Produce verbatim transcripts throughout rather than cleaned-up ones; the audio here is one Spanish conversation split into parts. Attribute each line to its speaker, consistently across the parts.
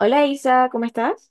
Speaker 1: Hola Isa, ¿cómo estás?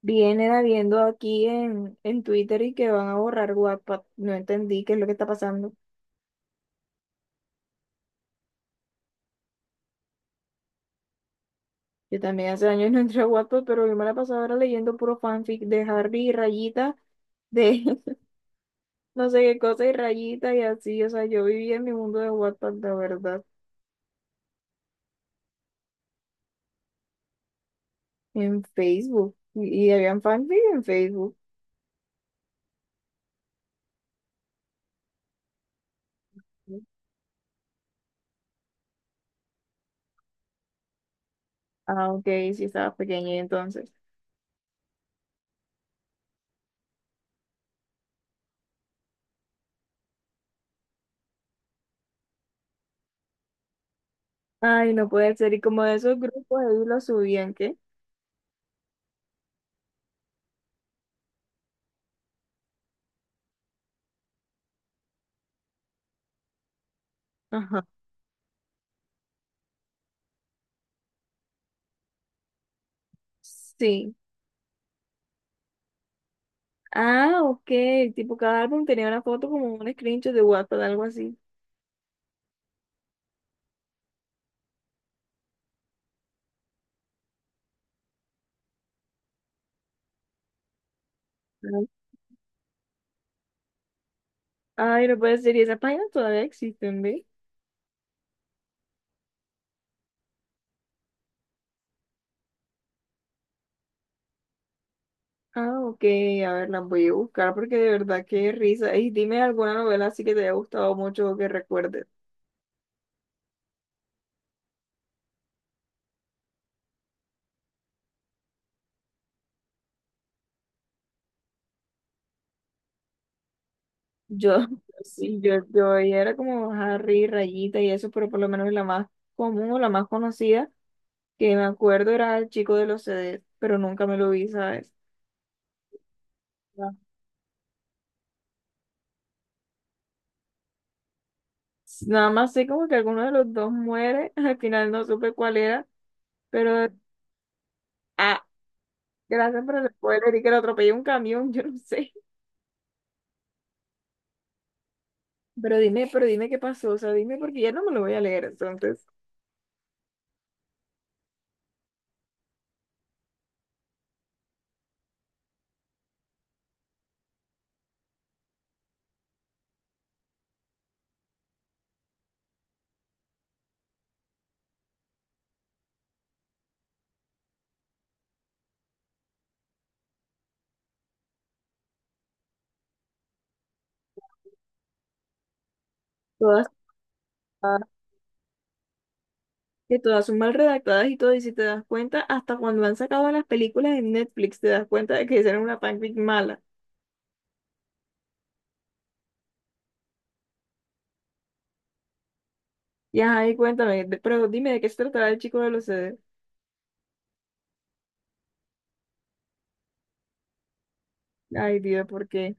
Speaker 1: Vienen habiendo aquí en, en Twitter y que van a borrar Wattpad. No entendí qué es lo que está pasando. Yo también hace años no entré a Wattpad, pero yo me la pasaba ahora leyendo puro fanfic de Harry y Rayita, de no sé qué cosa y Rayita y así. O sea, yo vivía en mi mundo de Wattpad, la verdad, en Facebook. Y, y habían fanfic en Facebook. Ah, ok, sí estaba pequeña y entonces. Ay, no puede ser. Y como de esos grupos ahí lo subían, ¿qué? Ajá. Sí. Ah, ok. Tipo, cada álbum tenía una foto como un screenshot de WhatsApp, algo así. Ah. Ay, no puede ser. Y esas páginas todavía existen, ¿ve? Ah, ok. A ver, las voy a buscar porque de verdad qué risa. Y dime alguna novela así que te haya gustado mucho o que recuerdes. Yo, sí, yo, yo era como Harry, Rayita y eso, pero por lo menos la más común o la más conocida que me acuerdo era el chico de los C Ds, pero nunca me lo vi, ¿sabes? Ya. Nada más sé como que alguno de los dos muere, al final no supe cuál era. Pero, ah, gracias por el spoiler y que lo atropelló un camión, yo no sé. Pero dime, pero dime qué pasó, o sea, dime porque ya no me lo voy a leer, entonces. Todas, ah, que todas son mal redactadas y todo, y si te das cuenta, hasta cuando han sacado las películas en Netflix, te das cuenta de que hicieron una fanfic mala. Y ajá, y cuéntame, de- pero dime de qué se tratará el chico de los C Ds. Ay, Dios, ¿por qué?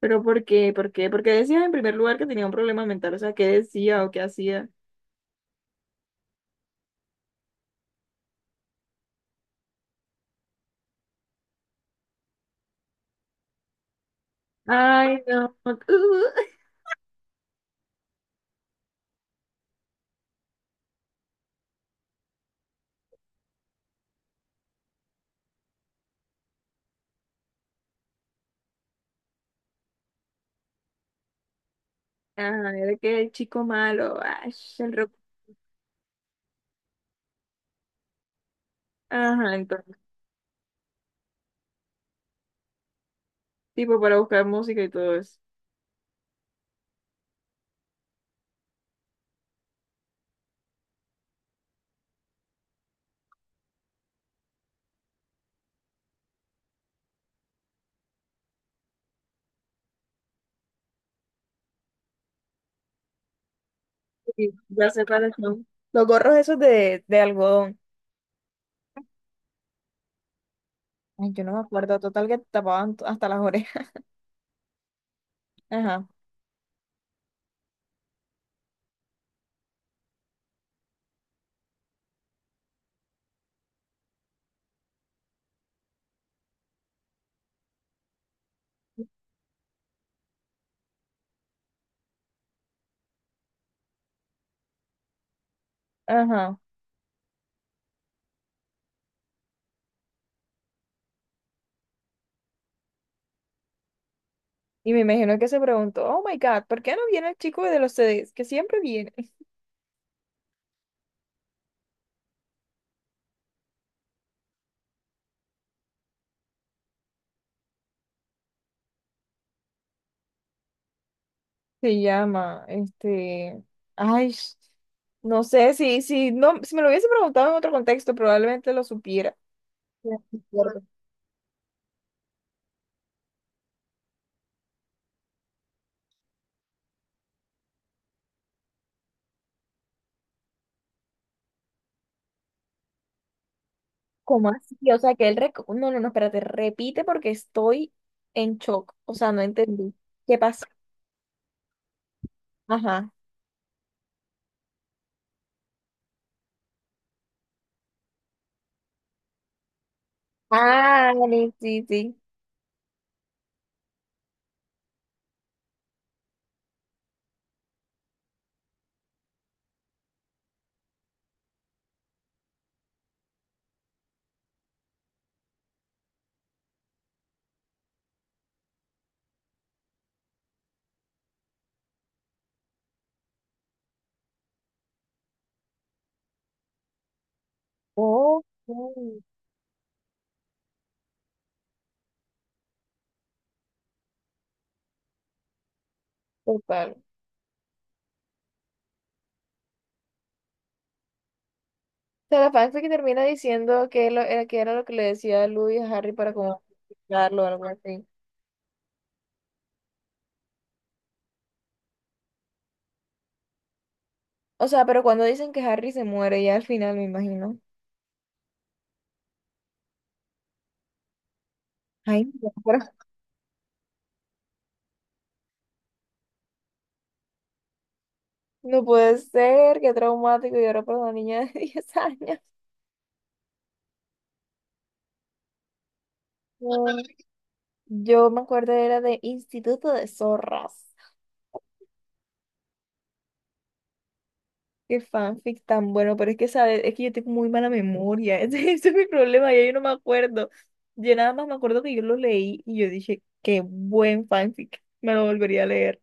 Speaker 1: ¿Pero por qué? ¿Por qué? Porque decías en primer lugar que tenía un problema mental, o sea, ¿qué decía o qué hacía? Ay, no. Uh, ajá, era que el chico malo, ay, el ajá, entonces, tipo para buscar música y todo eso. Sí. Ya sé cuáles son. Los gorros esos de, de algodón. Ay, yo no me acuerdo, total que tapaban t- hasta las orejas. Ajá, ajá. Y me imagino que se preguntó, oh my God, ¿por qué no viene el chico de los C Ds? Que siempre viene. Se llama, este, ay, sh- no sé, si, si, no, si me lo hubiese preguntado en otro contexto, probablemente lo supiera. ¿Cómo así? O sea, que él... rec- No, no, no, espérate, repite porque estoy en shock. O sea, no entendí. ¿Qué pasó? Ajá. Ah, dale, sí, sí. Oh, oh, total. O sea, la fanfic que termina diciendo que, lo, era, que era lo que le decía Louis a Harry para como explicarlo o algo así. O sea, pero cuando dicen que Harry se muere ya al final, me imagino. Ay, no, pero no puede ser, qué traumático. Y ahora por una niña de diez años. No. Yo me acuerdo era de Instituto de Zorras. Qué fanfic tan bueno, pero es que, ¿sabes? Es que yo tengo muy mala memoria. Ese, ese es mi problema, ya yo no me acuerdo. Yo nada más me acuerdo que yo lo leí y yo dije, qué buen fanfic, me lo volvería a leer.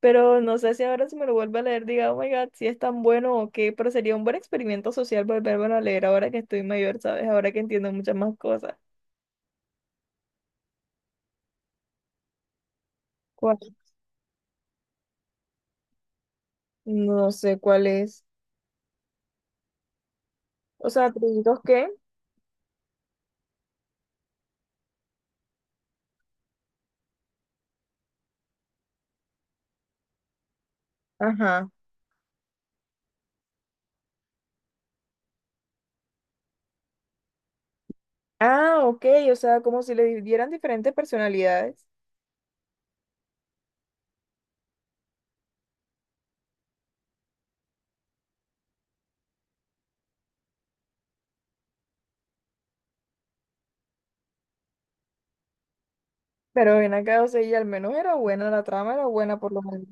Speaker 1: Pero no sé si ahora si me lo vuelvo a leer, diga, oh my God, si es tan bueno o qué, pero sería un buen experimento social volvérmelo a leer ahora que estoy mayor, ¿sabes? Ahora que entiendo muchas más cosas. ¿Cuál? No sé cuál es. O sea, atributos que. Ajá. Ah, ok, o sea, como si le dieran diferentes personalidades. Pero ven acá, o sea, y al menos era buena la trama, era buena por lo menos.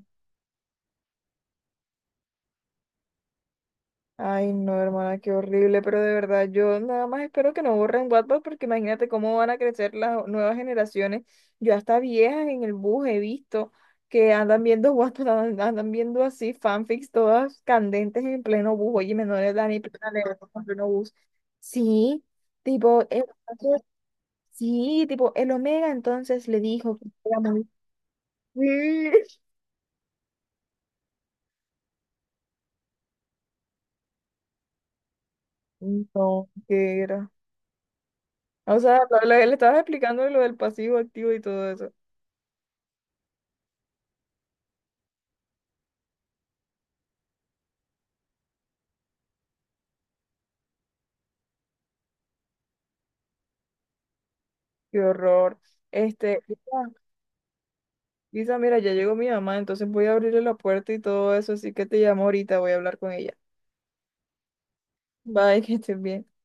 Speaker 1: Ay, no, hermana, qué horrible, pero de verdad, yo nada más espero que no borren WhatsApp porque imagínate cómo van a crecer las nuevas generaciones. Yo hasta viejas en el bus he visto que andan viendo WhatsApp, andan, andan viendo así fanfics todas candentes en pleno bus. Oye, menores de edad ni plena leer en pleno bus. Sí, tipo, el- sí, tipo, el Omega entonces le dijo que era muy... Sí. No, que era. O sea, lo, lo que le estabas explicando de lo del pasivo activo y todo eso. Qué horror. Este, Isa, Isa, mira, ya llegó mi mamá, entonces voy a abrirle la puerta y todo eso, así que te llamo ahorita, voy a hablar con ella. Bye, que estés bien.